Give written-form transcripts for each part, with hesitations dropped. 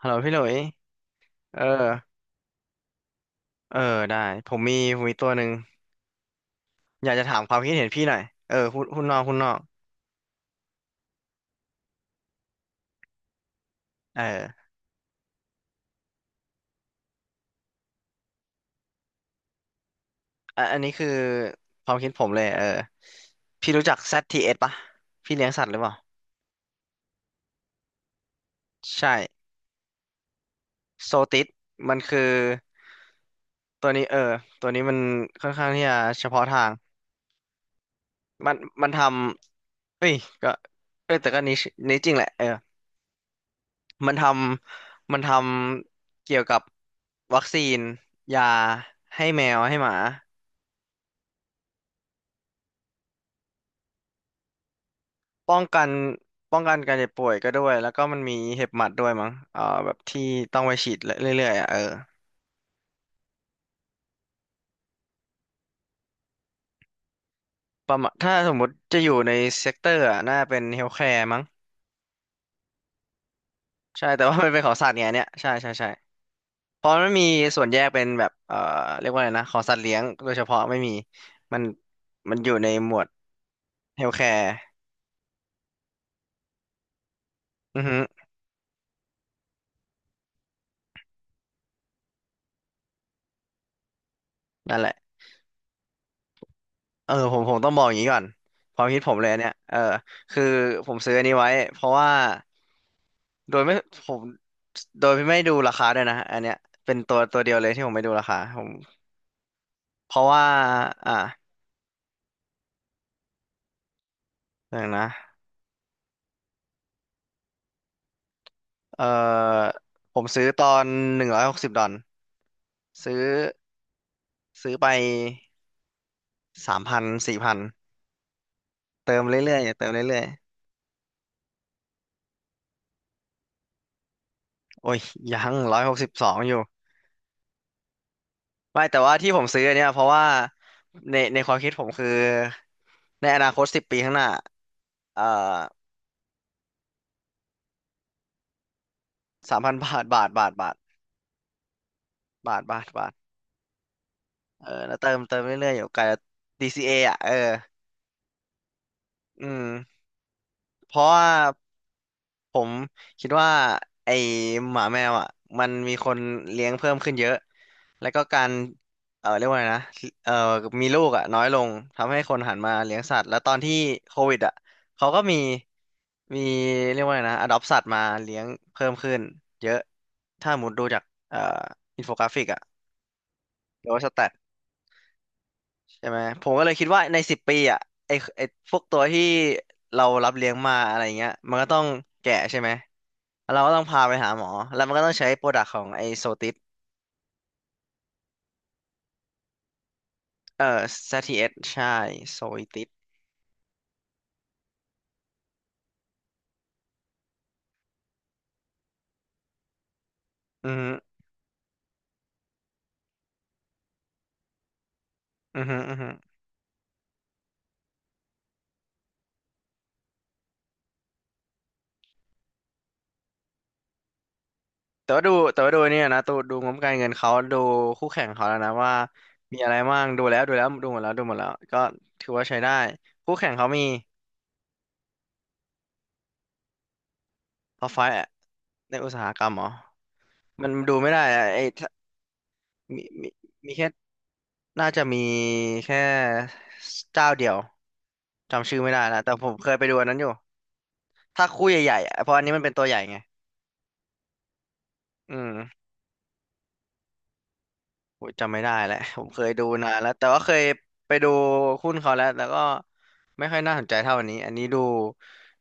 ฮัลโหลพี่หลุยเออ เออได้ ผมมีตัวหนึ่งอยากจะถามความคิดเห็นพี่หน่อย เออคุณนหุนนอกคุณนนอกเอออ่ะอันนี้คือความคิดผมเลย พี่รู้จัก ZTS ปะพี่เลี้ยงสัตว์หรือเปล่าใช่โซติสมันคือตัวนี้ตัวนี้มันค่อนข้างที่จะเฉพาะทาง มันมันทำเอ้ย ก็เอ้ยแต่ก็นิชจริงแหละมันทมันทำเกี่ยวกับวัคซีนยาให้แมวให้หมาป้องกันป้องกันการเจ็บป่วยก็ด้วยแล้วก็มันมีเห็บหมัดด้วยมั้งแบบที่ต้องไปฉีดเรื่อยๆอ่ะเออประมาณถ้าสมมุติจะอยู่ในเซกเตอร์อ่ะน่าเป็นเฮลท์แคร์มั้งใช่แต่ว่ามันเป็นของสัตว์ไงเนี่ยใช่ใช่ใช่เพราะมันมีส่วนแยกเป็นแบบเรียกว่าอะไรนะของสัตว์เลี้ยงโดยเฉพาะไม่มีมันมันอยู่ในหมวดเฮลท์แคร์อือฮึนั่นแหละ เออผมต้องบอกอย่างนี้ก่อนความคิดผมเลยอันเนี่ยคือผมซื้ออันนี้ไว้เพราะว่าโดยไม่ผมโดยไม่ดูราคาด้วยนะอันเนี้ยเป็นตัวเดียวเลยที่ผมไม่ดูราคาผมเพราะว่าอ่ะอย่างนะเออผมซื้อตอน160 ดอลซื้อซื้อไป3,000 4,000เติมเรื่อยๆเติมเรื่อยๆโอ้ยยัง162อยู่ ไม่แต่ว่าที่ผมซื้ออันเนี่ยเพราะว่าในความคิดผมคือในอนาคตสิบปีข้างหน้าเอ่อ3,000 บาทบาทบาทบาทบาทบาทบาทเออแล้วเติมเรื่อยๆอยู่ไกล DCA ออ่ะอืมเพราะว่า ผมคิดว่าไอหมาแมวอ่ะมันมีคนเลี้ยงเพิ่มขึ้นเยอะแล้วก็การเรียกว่าไงนะเออมีลูกอ่ะน้อยลงทำให้คนหันมาเลี้ยงสัตว์แล้วตอนที่โควิดอ่ะเขาก็มีเรียกว่าไงนะอดอปสัตว์มาเลี้ยงเพิ่มขึ้นเยอะถ้าหมุดดูจากเอ่ออินโฟกราฟิกอ่ะหรือว่าสแตทใช่ไหมผมก็เลยคิดว่าในสิบปีอ่ะไอไอพวกตัวที่เรารับเลี้ยงมาอะไรเงี้ยมันก็ต้องแก่ใช่ไหม เราก็ต้องพาไปหาหมอแล้วมันก็ต้องใช้โปรดักต์ของไอโซติสเอ่อซีทีเ t s ใช่โซติสอือฮึอือฮึแต่ว่าดูเนี่ยนะดูงบการเงินเขาดูคู่แข่งเขาแล้วนะว่ามีอะไรบ้างดูแล้วดูหมดแล้วก็ถือว่าใช้ได้คู่แข่งเขามีพอไฟในอุตสาหกรรมเหรอมันดูไม่ได้อะไอถ้ามีมีแค่น่าจะมีแค่เจ้าเดียวจำชื่อไม่ได้แล้วแต่ผมเคยไปดูอันนั้นอยู่ถ้าคู่ใหญ่ๆอ่ะเพราะอันนี้มันเป็นตัวใหญ่ไง อืมโหจำไม่ได้แหล้ว ผมเคยดูนานแล้วแต่ว่าเคยไปดูหุ้นเขาแล้วแล้วก็ไม่ค่อยน่าสนใจเท่าอันนี้อันนี้ดู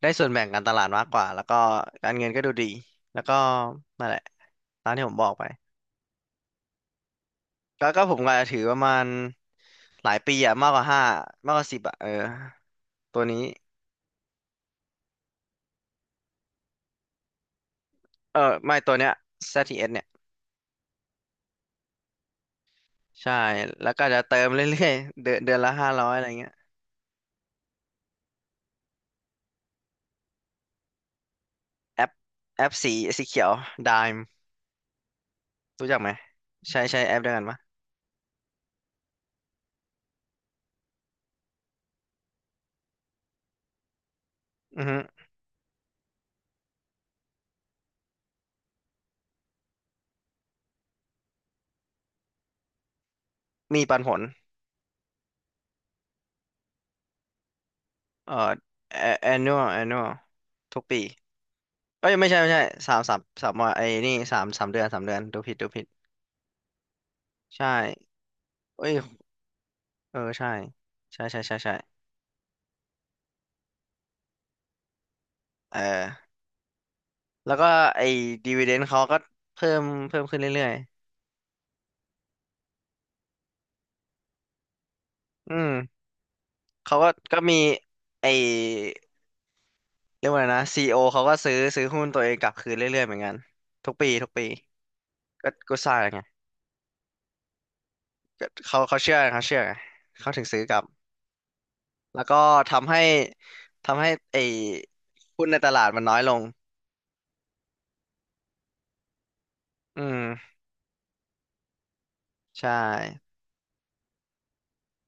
ได้ส่วนแบ่งการตลาดมากกว่าแล้วก็การเงินก็ดูดีแล้วก็นั่นแหละตามที่ผมบอกไปก็ผมก็ถือประมาณหลายปีอะมากกว่าห้ามากกว่าสิบอะเออตัวนี้เออไม่ตัวเนี้ย ZTS เอสเนี่ยใช่แล้วก็จะเติมเรื่อยๆเดือนเดือนละ500อะไรเงี้ยแอปแอปสีสีเขียว Dime รู้จักไหมใช้ใช้แอปเดียวกันปะ อือฮึมีปันผลเอ่อ a- annual annual ทุกปีเอ้ยไม่ใช่สามว่าไอ้นี่สามเดือนสามเดือนดูผิดใช่เอ้ยเออใช่ ใช่เออแล้วก็ไอ้ดีว i เดน d เขาก็เพิ่มเพิ่มขึ้นเรื่อยๆอืมเขาก็มีไอ้เรียกว่าอะไรนะซีโอเขาก็ซื้อหุ้นตัวเองกลับคืนเรื่อยๆเหมือนกันทุกปีทุกปีก็สร้างไงก็เขาเชื่อไงเขาเชื่อไงเขาถึงซื้อกลับ แล้วก็ทำให้ทำให้ไอ้หุ้นในตลาดมันน้อยลงอืมใช่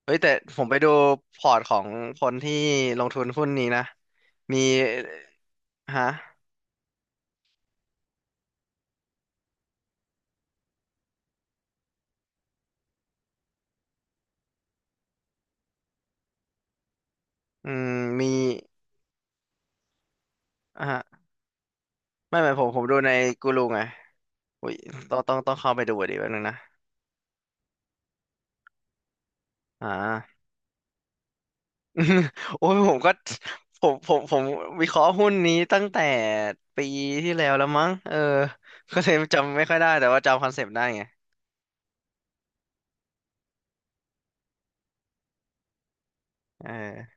เฮ้ยแต่ผมไปดูพอร์ตของคนที่ลงทุนหุ้นนี้นะ มีฮะอืมมีอ่ะฮะไม่ผมดูในกูรูไงอุ้ยต้องเข้าไปดูดีแป๊บนึงนะอ่า โอ้ยผมก็ผมวิเคราะห์หุ้นนี้ตั้งแต่ปีที่แล้วแล้วมั้งเออก็เลยจำไม่ค่อยได้แต่ว่าจำคอนเซปต์ได้ไงเออ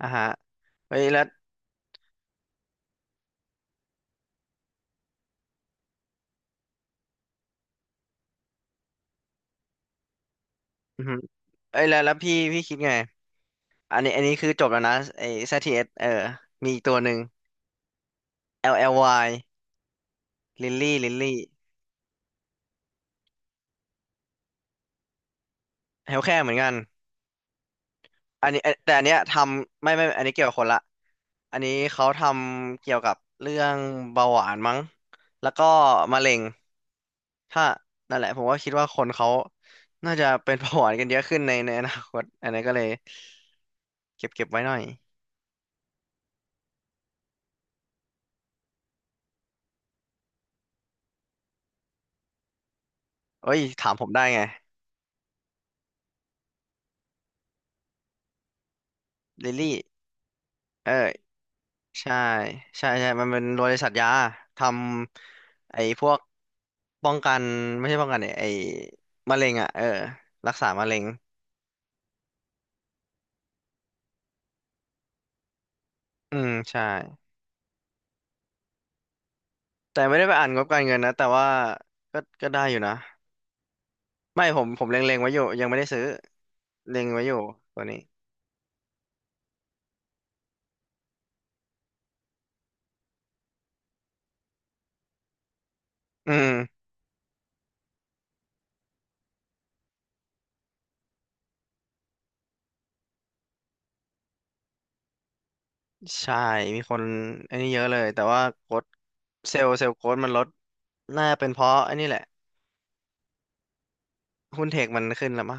อ่ะฮะเฮ้ยแล้วอือหือเอ้ยแล้วแล้วพี่คิดไงอันนี้คือจบแล้วนะไอ้ ZTS เอสเออมีอีกตัวหนึ่ง LLY Lily เฮลแค่เหมือนกันอันนี้แต่อันเนี้ยทำไม่อันนี้เกี่ยวกับคนละอันนี้เขาทำเกี่ยวกับเรื่องเบาหวานมั้งแล้วก็มะเร็งถ้านั่นแหละผมก็คิดว่าคนเขาน่าจะเป็นเบาหวานกันเยอะขึ้นในอนาคตอันนี้ก็เลยเก็บไว้หน่อยเอ้ยถามผมได้ไงลิลลี่เออ ใช่ใช่ใช่มันเป็นบริษัทยาทำไอ้พวกป้องกันไม่ใช่ป้องกันเนี่ยไอ้มะเร็งอ่ะเออรักษามะเร็งอืมใช่แต่ไม่ได้ไปอ่านงบการเงินนะแต่ว่าก็ได้อยู่นะไม่ผมเล็งๆไว้อยู่ยังไม่ได้ซื้อเล็งไว้อยู่ตัวนี้อืมใช่มีคนอันนี้เยอะเลยแต่ว่าโค้ดเซลล์โค้ดมันลดน่าเป็นเพราะอันนี้แหละหุ้นเทคมันขึ้นแล้วมั้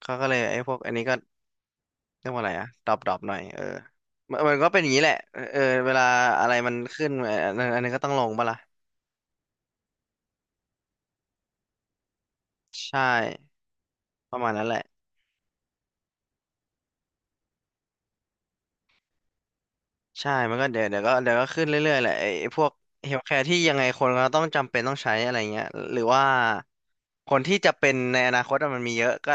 เขาก็เลยไอ้พวกอันนี้ก็ เรียกว่าอะไรอะดรอปหน่อยเออมันก็เป็นอย่างนี้แหละเออเวลาอะไรมันขึ้นเอออันนั้นก็ต้องลงปะล่ะใช่ประมาณนั้นแหละใช่มันก็เดี๋ยวก็ขึ้นเรื่อยๆแหละไอ้พวกเฮลท์แคร์ที่ยังไงคนก็ต้องจำเป็นต้องใช้อะไรเงี้ยหรือว่าคนที่จะเป็นในอนาคตอะมันมีเยอะก็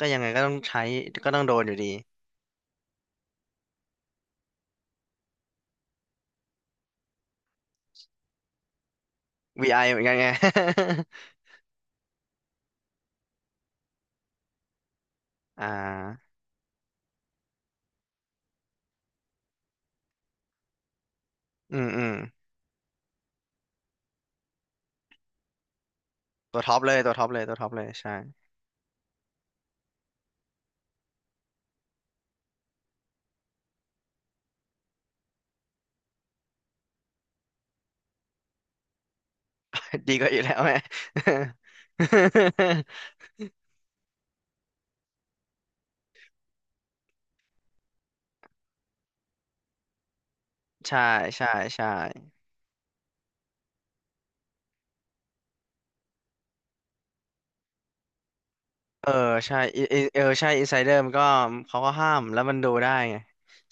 ก็ยังไงก็ต้องใช้ก็ต้องโดนอยู่ดี VI เหมือนกันไง อ่าอืมอืมตัวท็อปเลยตัวท็อปเลยตัวท็อปเลยใช่ ดีกว่าอยู่แล้วแม่ ใช่ใช่ใช่เออใช่อิอิเออใช่อินไซเดอร์มันก็เขาก็ห้ามแล้วมันดูได้ไง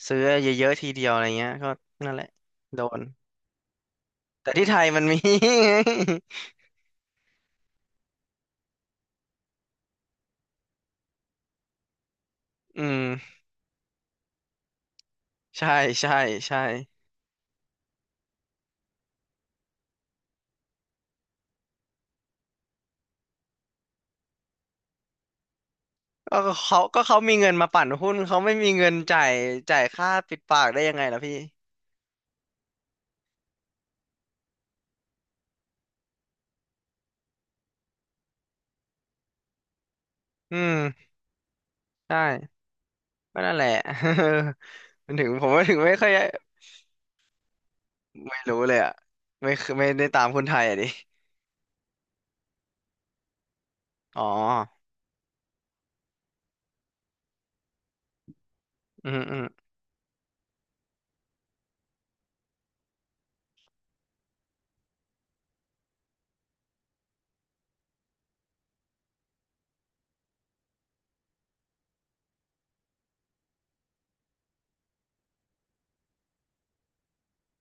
ซื้อเยอะๆทีเดียวอะไรเงี้ยก็นั่นแหละโดนแต่ที่ไทยมันมี อืมใช่ใช่ใช่ก็เขามีเงินมาปั่นหุ้นเขาไม่มีเงินจ่ายจ่ายค่าปิดปากได้ยังไงล่ะพี่อืมใช่ก็นั่นแหละ มันถึงผมว่าถึงไม่ค่อยไม่รู้เลยอ่ะไม่เคยไม่ได้ตามคนไทยอ่ะดิอ๋ออืมอืม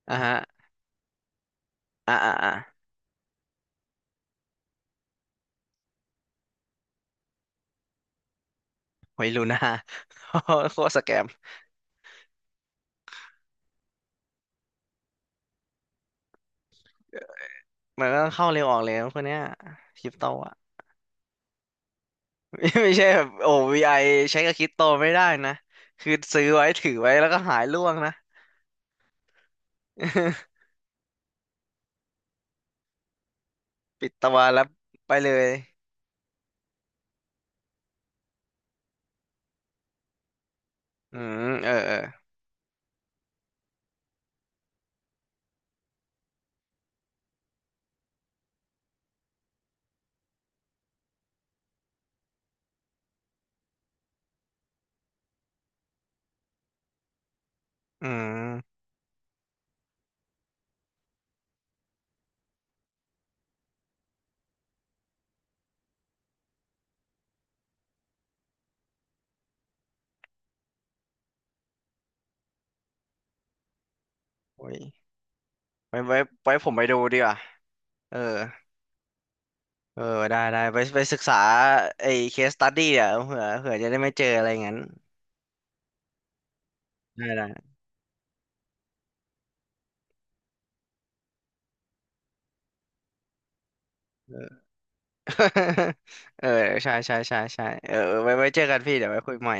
อ่ะฮะอ่ะอ่ะอ่ะ ไว้ลูน่า โคตรสแกม มันก็ต้องเข้าเร็วออกเร็วพวกเนี้ยคริปโตอ่ะ ไม่ใช่แบบโอ้ VI ใช้กับคริปโตไม่ได้นะ คือซื้อไว้ถือไว้แล้วก็หายล่วงนะ ปิดตัวแล้วไปเลย อืม เออเอออืมโอ้ยไว้ไว้ไว้ผมไปดูดีกว่า เออ เออ ได้ไปศึกษาไอ้เคสตัดดี้อ่ะเผื่อจะได้ไม่เจออะไรงั้นได้ได้เออ เออใช่ใช่ใช่ใช่เออเออไว้ไว้เจอกันพี่เดี๋ยวไว้คุยใหม่